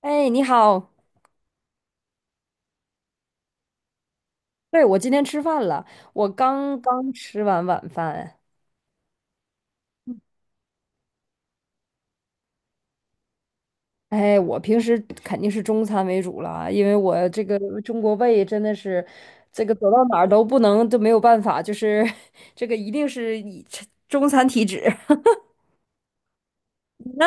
哎，你好，对，我今天吃饭了，我刚刚吃完晚饭。哎，我平时肯定是中餐为主了，因为我这个中国胃真的是，这个走到哪儿都不能都没有办法，就是 这个一定是以吃中餐体质。你呢？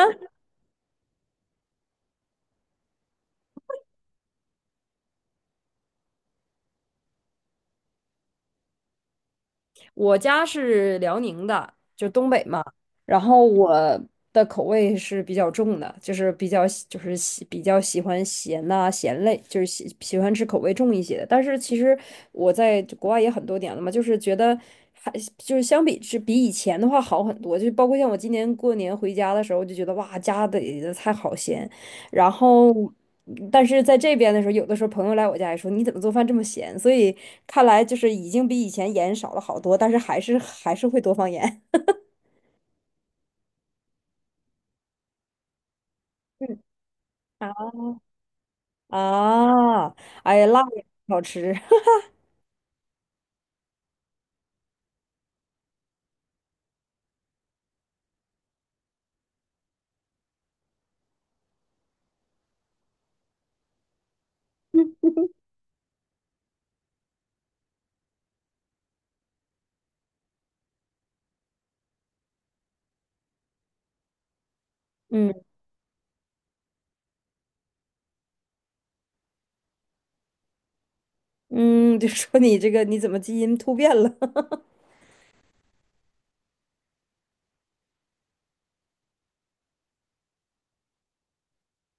我家是辽宁的，就东北嘛，然后我的口味是比较重的，就是比较喜欢咸呐、咸类，就是喜欢吃口味重一些的。但是其实我在国外也很多年了嘛，就是觉得还就是相比是比以前的话好很多，就包括像我今年过年回家的时候，就觉得哇，家里的菜好咸。然后，但是在这边的时候，有的时候朋友来我家也说：“你怎么做饭这么咸？”所以看来就是已经比以前盐少了好多，但是还是会多放盐。嗯啊，哎呀，辣也好吃。嗯嗯，就说你这个你怎么基因突变了？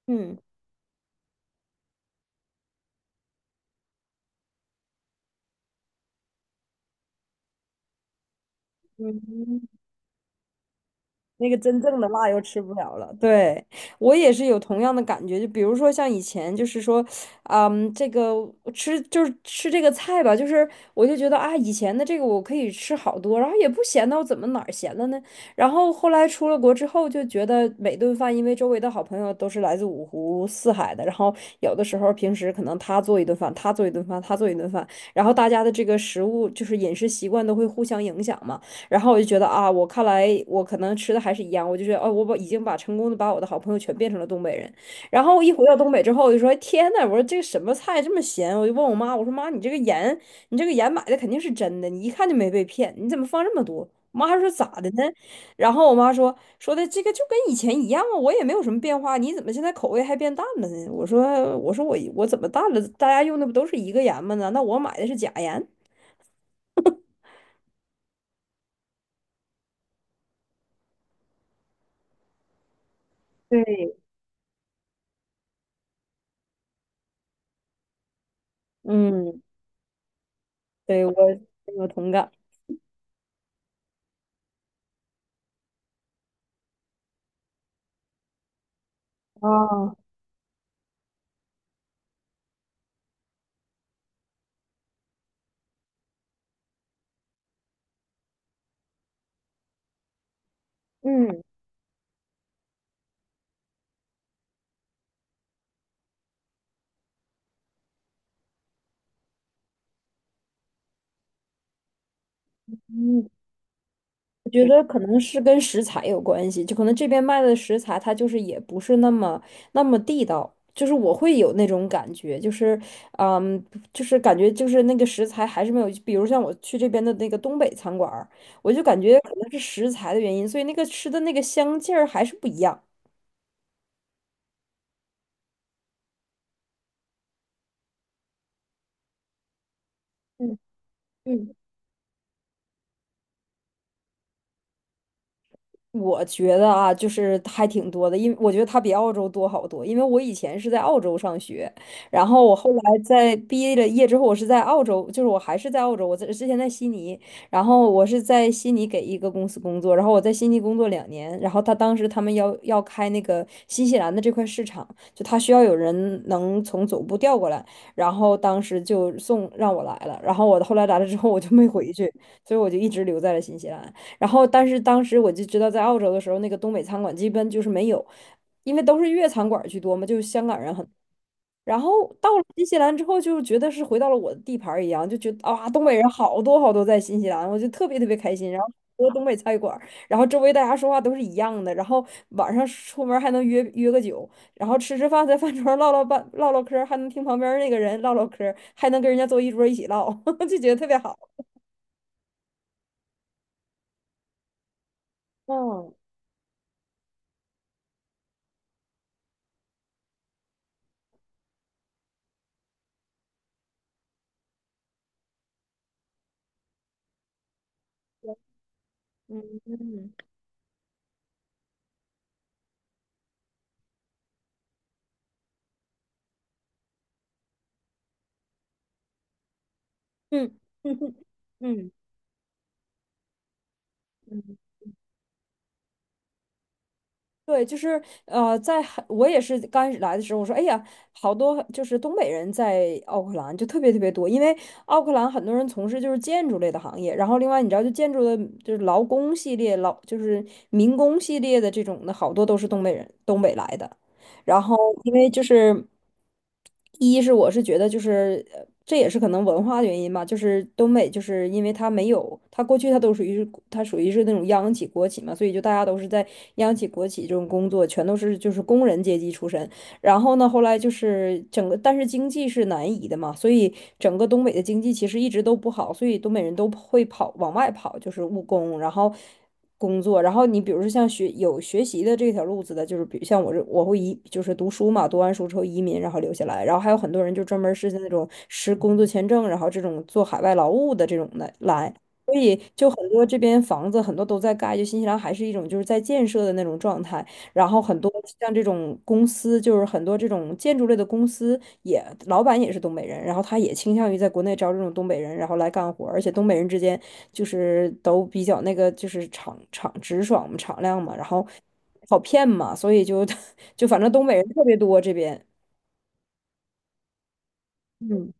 嗯嗯。那个真正的辣又吃不了了。对，我也是有同样的感觉，就比如说像以前，就是说，嗯，这个吃就是吃这个菜吧，就是我就觉得啊，以前的这个我可以吃好多，然后也不咸我怎么哪儿咸了呢？然后后来出了国之后，就觉得每顿饭，因为周围的好朋友都是来自五湖四海的，然后有的时候平时可能他做一顿饭，他做一顿饭，他做一顿饭，然后大家的这个食物就是饮食习惯都会互相影响嘛。然后我就觉得啊，我看来我可能吃的还是一样，我就觉得哦，我已经成功的把我的好朋友全变成了东北人。然后一回到东北之后，我就说天呐，我说这个什么菜这么咸？我就问我妈，我说妈，你这个盐买的肯定是真的，你一看就没被骗，你怎么放这么多？我妈说咋的呢？然后我妈说的这个就跟以前一样啊，我也没有什么变化，你怎么现在口味还变淡了呢？我说我说我我怎么淡了？大家用的不都是一个盐吗呢？那我买的是假盐。对，嗯，对，我深有同感。啊，嗯，嗯，我觉得可能是跟食材有关系，就可能这边卖的食材它就是也不是那么地道，就是我会有那种感觉，嗯，就是感觉就是那个食材还是没有，比如像我去这边的那个东北餐馆儿，我就感觉可能是食材的原因，所以那个吃的那个香劲儿还是不一样。嗯。我觉得啊，就是还挺多的，因为我觉得它比澳洲多好多。因为我以前是在澳洲上学，然后我后来在毕业之后，我还是在澳洲，之前在悉尼，然后我是在悉尼给一个公司工作，然后我在悉尼工作2年，然后他当时他们要开那个新西兰的这块市场，就他需要有人能从总部调过来，然后当时就让我来了，然后我后来来了之后我就没回去，所以我就一直留在了新西兰。然后，但是当时我就知道，在澳洲的时候，那个东北餐馆基本就是没有，因为都是粤餐馆居多嘛，就是香港人很。然后到了新西兰之后，就觉得是回到了我的地盘儿一样，就觉得啊，东北人好多好多在新西兰，我就特别特别开心。然后很多东北菜馆儿然后周围大家说话都是一样的，然后晚上出门儿还能约约个酒，然后吃吃饭，在饭桌上唠唠嗑儿还能听旁边儿那个人唠唠嗑儿还能跟人家坐一桌儿一起唠，就觉得特别好。嗯嗯嗯，嗯嗯哼嗯嗯，对，就是我也是刚开始来的时候，我说哎呀，好多就是东北人在奥克兰就特别特别多，因为奥克兰很多人从事就是建筑类的行业，然后另外你知道就建筑的就是劳工系列、劳就是民工系列的这种的好多都是东北来的。然后因为就是一是我是觉得就是这也是可能文化的原因吧，就是东北就是因为它没有它过去它都属于是那种央企国企嘛，所以就大家都是在央企国企这种工作，全都是就是工人阶级出身。然后呢，后来就是整个，但是经济是南移的嘛，所以整个东北的经济其实一直都不好，所以东北人都会往外跑，就是务工，然后工作，然后你比如说像有学习的这条路子的，就是比如像我会移，就是读书嘛，读完书之后移民，然后留下来，然后还有很多人就专门是那种持工作签证，然后这种做海外劳务的这种的来。所以，就很多这边房子很多都在盖，就新西兰还是一种就是在建设的那种状态。然后很多像这种公司，就是很多这种建筑类的公司也，老板也是东北人，然后他也倾向于在国内招这种东北人，然后来干活儿而且东北人之间就是都比较那个，就是直爽嘛，敞亮嘛，然后好骗嘛，所以就 就反正东北人特别多这边，嗯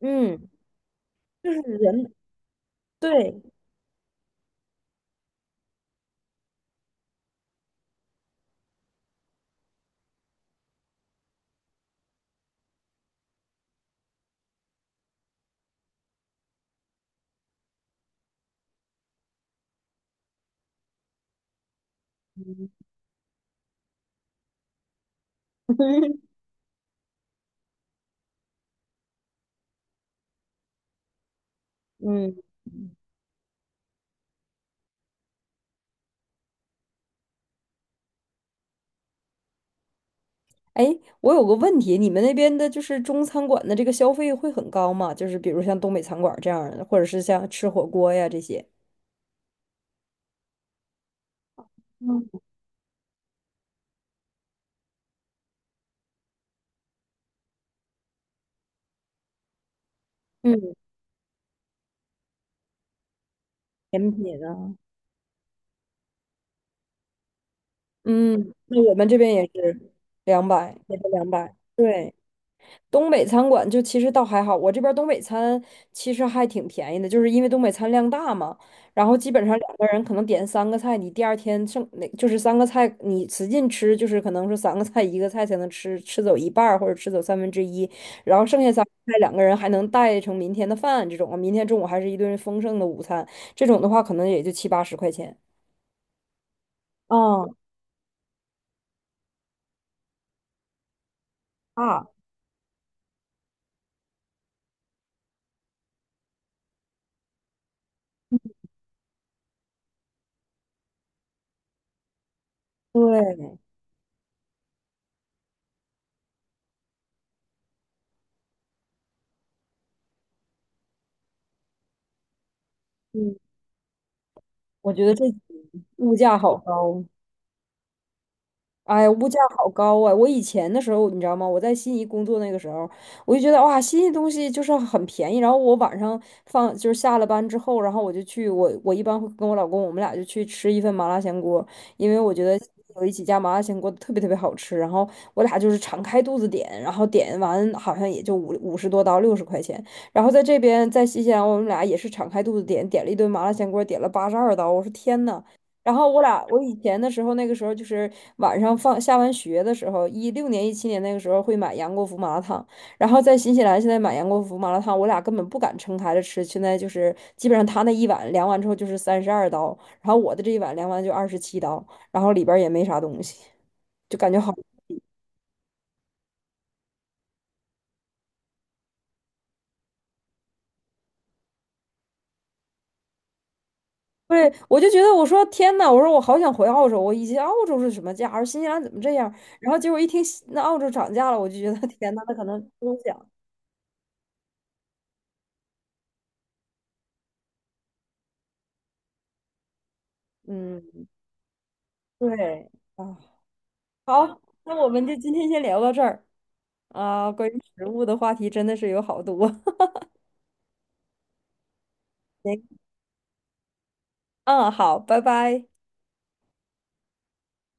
嗯，就是人，对，嗯嗯。哎，我有个问题，你们那边的就是中餐馆的这个消费会很高吗？就是比如像东北餐馆这样儿的，或者是像吃火锅呀这些。嗯，嗯，甜品啊，嗯，那我们这边也是两百，也是两百。对，东北餐馆就其实倒还好，我这边儿东北餐其实还挺便宜的，就是因为东北餐量大嘛，然后基本上两个人可能点三个菜，你第二天剩那就是三个菜，你使劲吃，就是可能是三个菜一个菜才能吃走一半儿或者吃走三分之一，然后剩下三个菜两个人还能带成明天的饭，这种明天中午还是一顿丰盛的午餐，这种的话可能也就七八十块钱。嗯啊，对，嗯，我觉得这物价好高。哎，物价好高啊！我以前的时候，你知道吗？我在悉尼工作那个时候，我就觉得哇，悉尼东西就是很便宜。然后我晚上放就是下了班之后，然后我就去我一般会跟我老公，我们俩就去吃一份麻辣香锅，因为我觉得有一家麻辣香锅特别特别好吃。然后我俩就是敞开肚子点，然后点完好像也就五十多刀，60块钱。然后在这边在新西兰，我们俩也是敞开肚子点，点了一顿麻辣香锅，点了82刀。我说天呐！然后我俩，我以前的时候，那个时候就是晚上下完学的时候，16年、17年那个时候会买杨国福麻辣烫，然后在新西兰现在买杨国福麻辣烫，我俩根本不敢撑开了吃，现在就是基本上他那一碗量完之后就是32刀，然后我的这一碗量完就27刀，然后里边儿也没啥东西，就感觉好。对，我就觉得我说天呐，我说我好想回澳洲，我以前澳洲是什么价而新西兰怎么这样？然后结果一听那澳洲涨价了，我就觉得 天呐，那可能中想。嗯，对。啊。好，那我们就今天先聊到这儿啊，关于食物的话题真的是有好多。行嗯，好，拜拜。